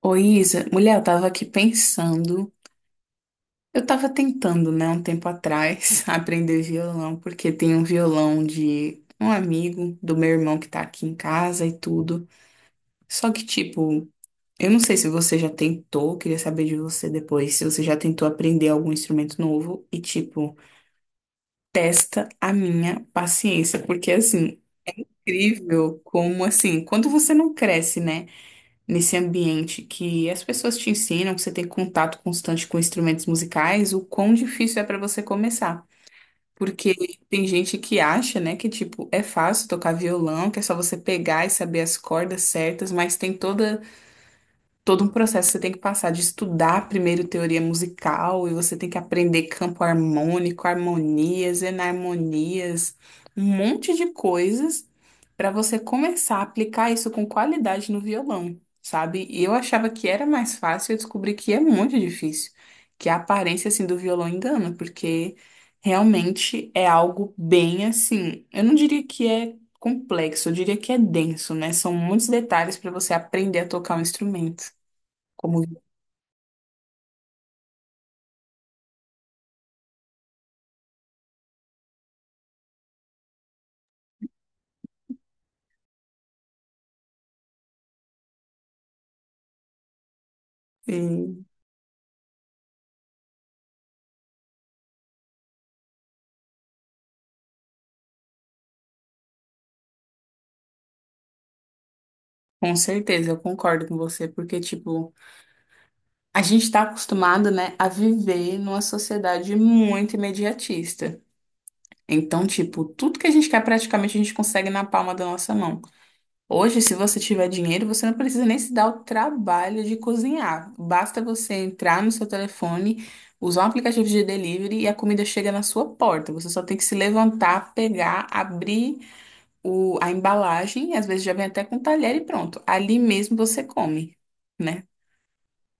Ô Isa, mulher, eu tava aqui pensando. Eu tava tentando, né, um tempo atrás, aprender violão, porque tem um violão de um amigo do meu irmão que tá aqui em casa e tudo. Só que, tipo, eu não sei se você já tentou, queria saber de você depois, se você já tentou aprender algum instrumento novo e, tipo, testa a minha paciência, porque, assim, incrível como, assim, quando você não cresce, né? Nesse ambiente que as pessoas te ensinam, que você tem contato constante com instrumentos musicais, o quão difícil é para você começar. Porque tem gente que acha, né, que tipo, é fácil tocar violão, que é só você pegar e saber as cordas certas, mas tem toda todo um processo que você tem que passar de estudar primeiro teoria musical e você tem que aprender campo harmônico, harmonias, enarmonias, um monte de coisas para você começar a aplicar isso com qualidade no violão, sabe? E eu achava que era mais fácil, eu descobri que é muito difícil, que a aparência assim do violão engana, porque realmente é algo bem assim, eu não diria que é complexo, eu diria que é denso, né? São muitos detalhes para você aprender a tocar um instrumento. Como e, com certeza, eu concordo com você, porque tipo, a gente está acostumado, né, a viver numa sociedade muito imediatista. Então, tipo, tudo que a gente quer praticamente a gente consegue na palma da nossa mão. Hoje, se você tiver dinheiro, você não precisa nem se dar o trabalho de cozinhar. Basta você entrar no seu telefone, usar um aplicativo de delivery e a comida chega na sua porta. Você só tem que se levantar, pegar, abrir a embalagem, às vezes já vem até com talher e pronto. Ali mesmo você come, né?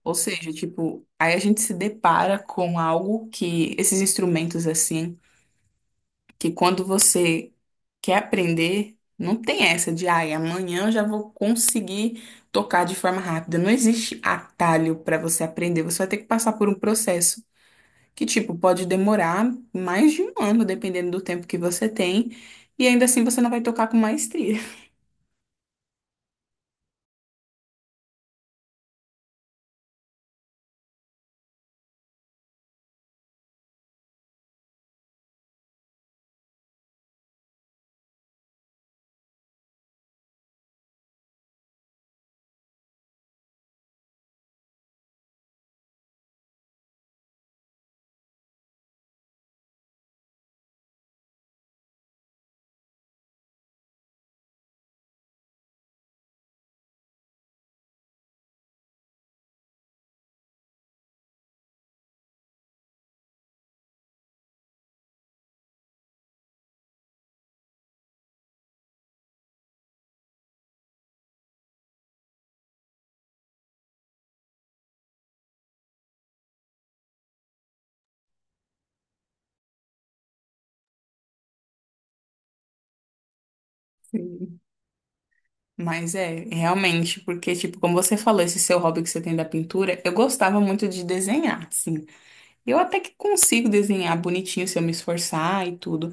Ou seja, tipo, aí a gente se depara com algo que esses instrumentos assim, que quando você quer aprender, não tem essa de, ai, amanhã eu já vou conseguir tocar de forma rápida. Não existe atalho para você aprender. Você vai ter que passar por um processo que, tipo, pode demorar mais de um ano, dependendo do tempo que você tem, e ainda assim você não vai tocar com maestria. Sim. Mas é, realmente, porque, tipo, como você falou, esse seu hobby que você tem da pintura, eu gostava muito de desenhar, sim. Eu até que consigo desenhar bonitinho se eu me esforçar e tudo.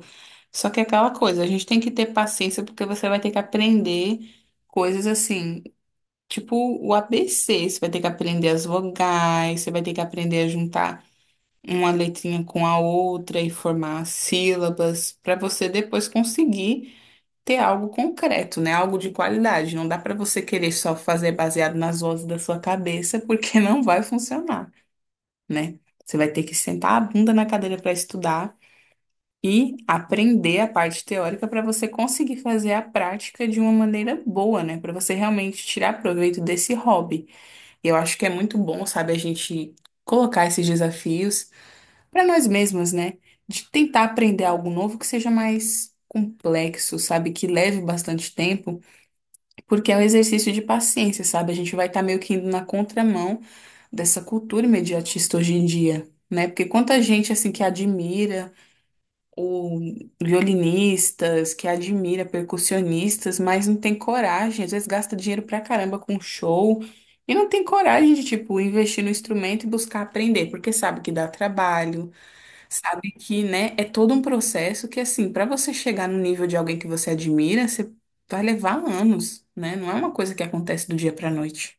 Só que é aquela coisa, a gente tem que ter paciência porque você vai ter que aprender coisas assim, tipo o ABC, você vai ter que aprender as vogais, você vai ter que aprender a juntar uma letrinha com a outra e formar sílabas para você depois conseguir ter algo concreto, né? Algo de qualidade. Não dá para você querer só fazer baseado nas vozes da sua cabeça, porque não vai funcionar, né? Você vai ter que sentar a bunda na cadeira para estudar e aprender a parte teórica para você conseguir fazer a prática de uma maneira boa, né? Para você realmente tirar proveito desse hobby. E eu acho que é muito bom, sabe, a gente colocar esses desafios para nós mesmos, né? De tentar aprender algo novo que seja mais complexo, sabe, que leve bastante tempo, porque é um exercício de paciência, sabe? A gente vai estar meio que indo na contramão dessa cultura imediatista hoje em dia, né? Porque quanta gente, assim, que admira o violinistas, que admira percussionistas, mas não tem coragem, às vezes gasta dinheiro pra caramba com show e não tem coragem de, tipo, investir no instrumento e buscar aprender, porque sabe que dá trabalho. Sabe que, né, é todo um processo que, assim, para você chegar no nível de alguém que você admira, você vai levar anos, né? Não é uma coisa que acontece do dia para noite.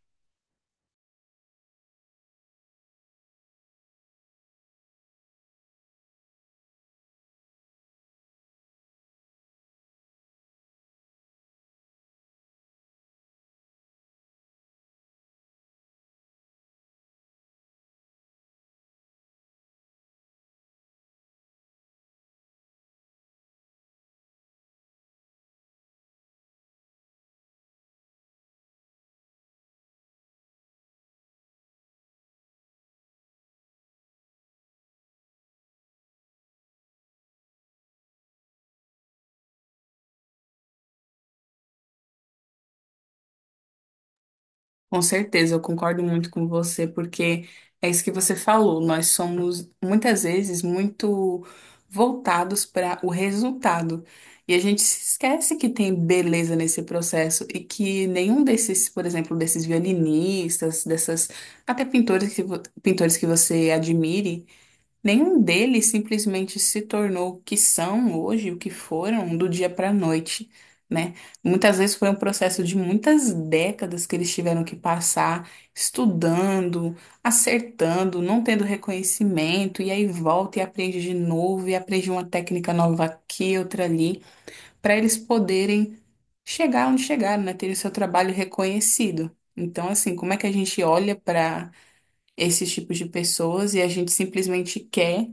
Com certeza, eu concordo muito com você, porque é isso que você falou. Nós somos, muitas vezes, muito voltados para o resultado. E a gente se esquece que tem beleza nesse processo e que nenhum desses, por exemplo, desses violinistas, dessas até pintores que, pintores que você admire. Nenhum deles simplesmente se tornou o que são hoje, o que foram, do dia para a noite, né? Muitas vezes foi um processo de muitas décadas que eles tiveram que passar estudando, acertando, não tendo reconhecimento, e aí volta e aprende de novo, e aprende uma técnica nova aqui, outra ali, para eles poderem chegar onde chegaram, né? Ter o seu trabalho reconhecido. Então, assim, como é que a gente olha para esses tipos de pessoas e a gente simplesmente quer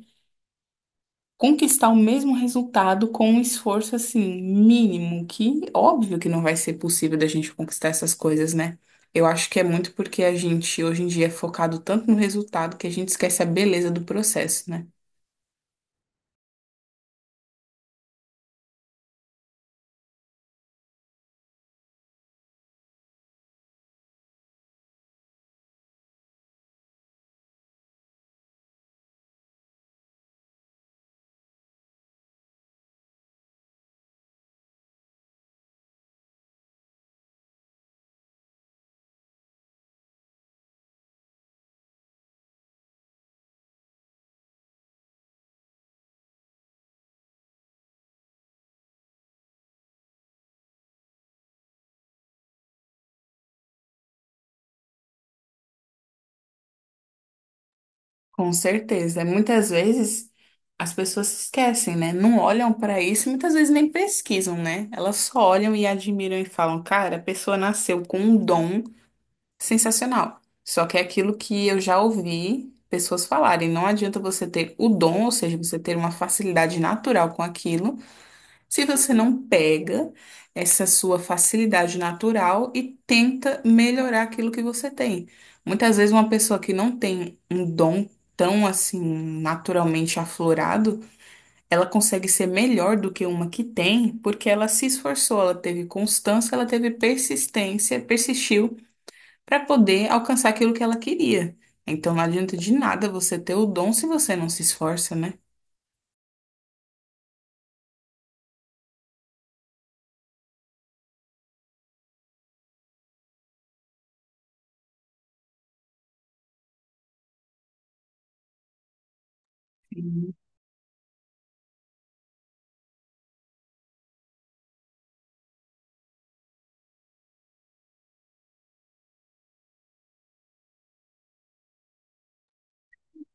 conquistar o mesmo resultado com um esforço assim mínimo, que óbvio que não vai ser possível da gente conquistar essas coisas, né? Eu acho que é muito porque a gente hoje em dia é focado tanto no resultado que a gente esquece a beleza do processo, né? Com certeza. Muitas vezes as pessoas se esquecem, né? Não olham para isso e muitas vezes nem pesquisam, né? Elas só olham e admiram e falam, cara, a pessoa nasceu com um dom. Sensacional. Só que é aquilo que eu já ouvi pessoas falarem. Não adianta você ter o dom, ou seja, você ter uma facilidade natural com aquilo, se você não pega essa sua facilidade natural e tenta melhorar aquilo que você tem. Muitas vezes uma pessoa que não tem um dom tão assim naturalmente aflorado, ela consegue ser melhor do que uma que tem, porque ela se esforçou, ela teve constância, ela teve persistência, persistiu para poder alcançar aquilo que ela queria. Então não adianta de nada você ter o dom se você não se esforça, né? Sim.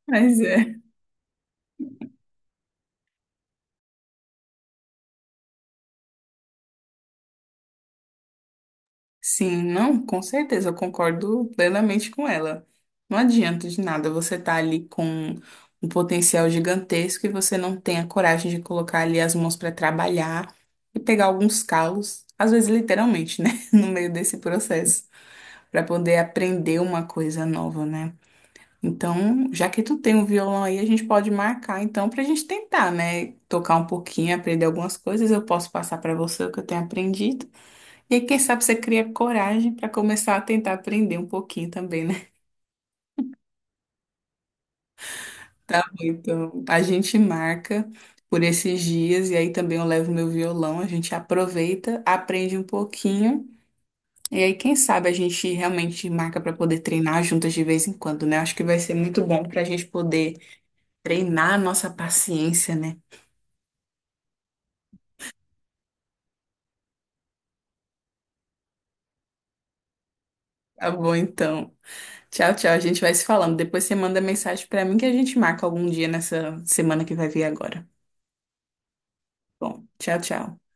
Mas é. Sim, não, com certeza, eu concordo plenamente com ela. Não adianta de nada você estar ali com um potencial gigantesco e você não tem a coragem de colocar ali as mãos para trabalhar e pegar alguns calos, às vezes literalmente, né? No meio desse processo, para poder aprender uma coisa nova, né? Então, já que tu tem um violão aí, a gente pode marcar então pra gente tentar, né? Tocar um pouquinho, aprender algumas coisas. Eu posso passar pra você o que eu tenho aprendido. E aí, quem sabe você cria coragem pra começar a tentar aprender um pouquinho também, né? Tá bom, então a gente marca por esses dias e aí também eu levo meu violão, a gente aproveita, aprende um pouquinho. E aí, quem sabe a gente realmente marca pra poder treinar juntas de vez em quando, né? Acho que vai ser muito bom pra gente poder treinar a nossa paciência, né? Tá bom, então. Tchau, tchau. A gente vai se falando. Depois você manda mensagem pra mim que a gente marca algum dia nessa semana que vai vir agora. Bom, tchau, tchau.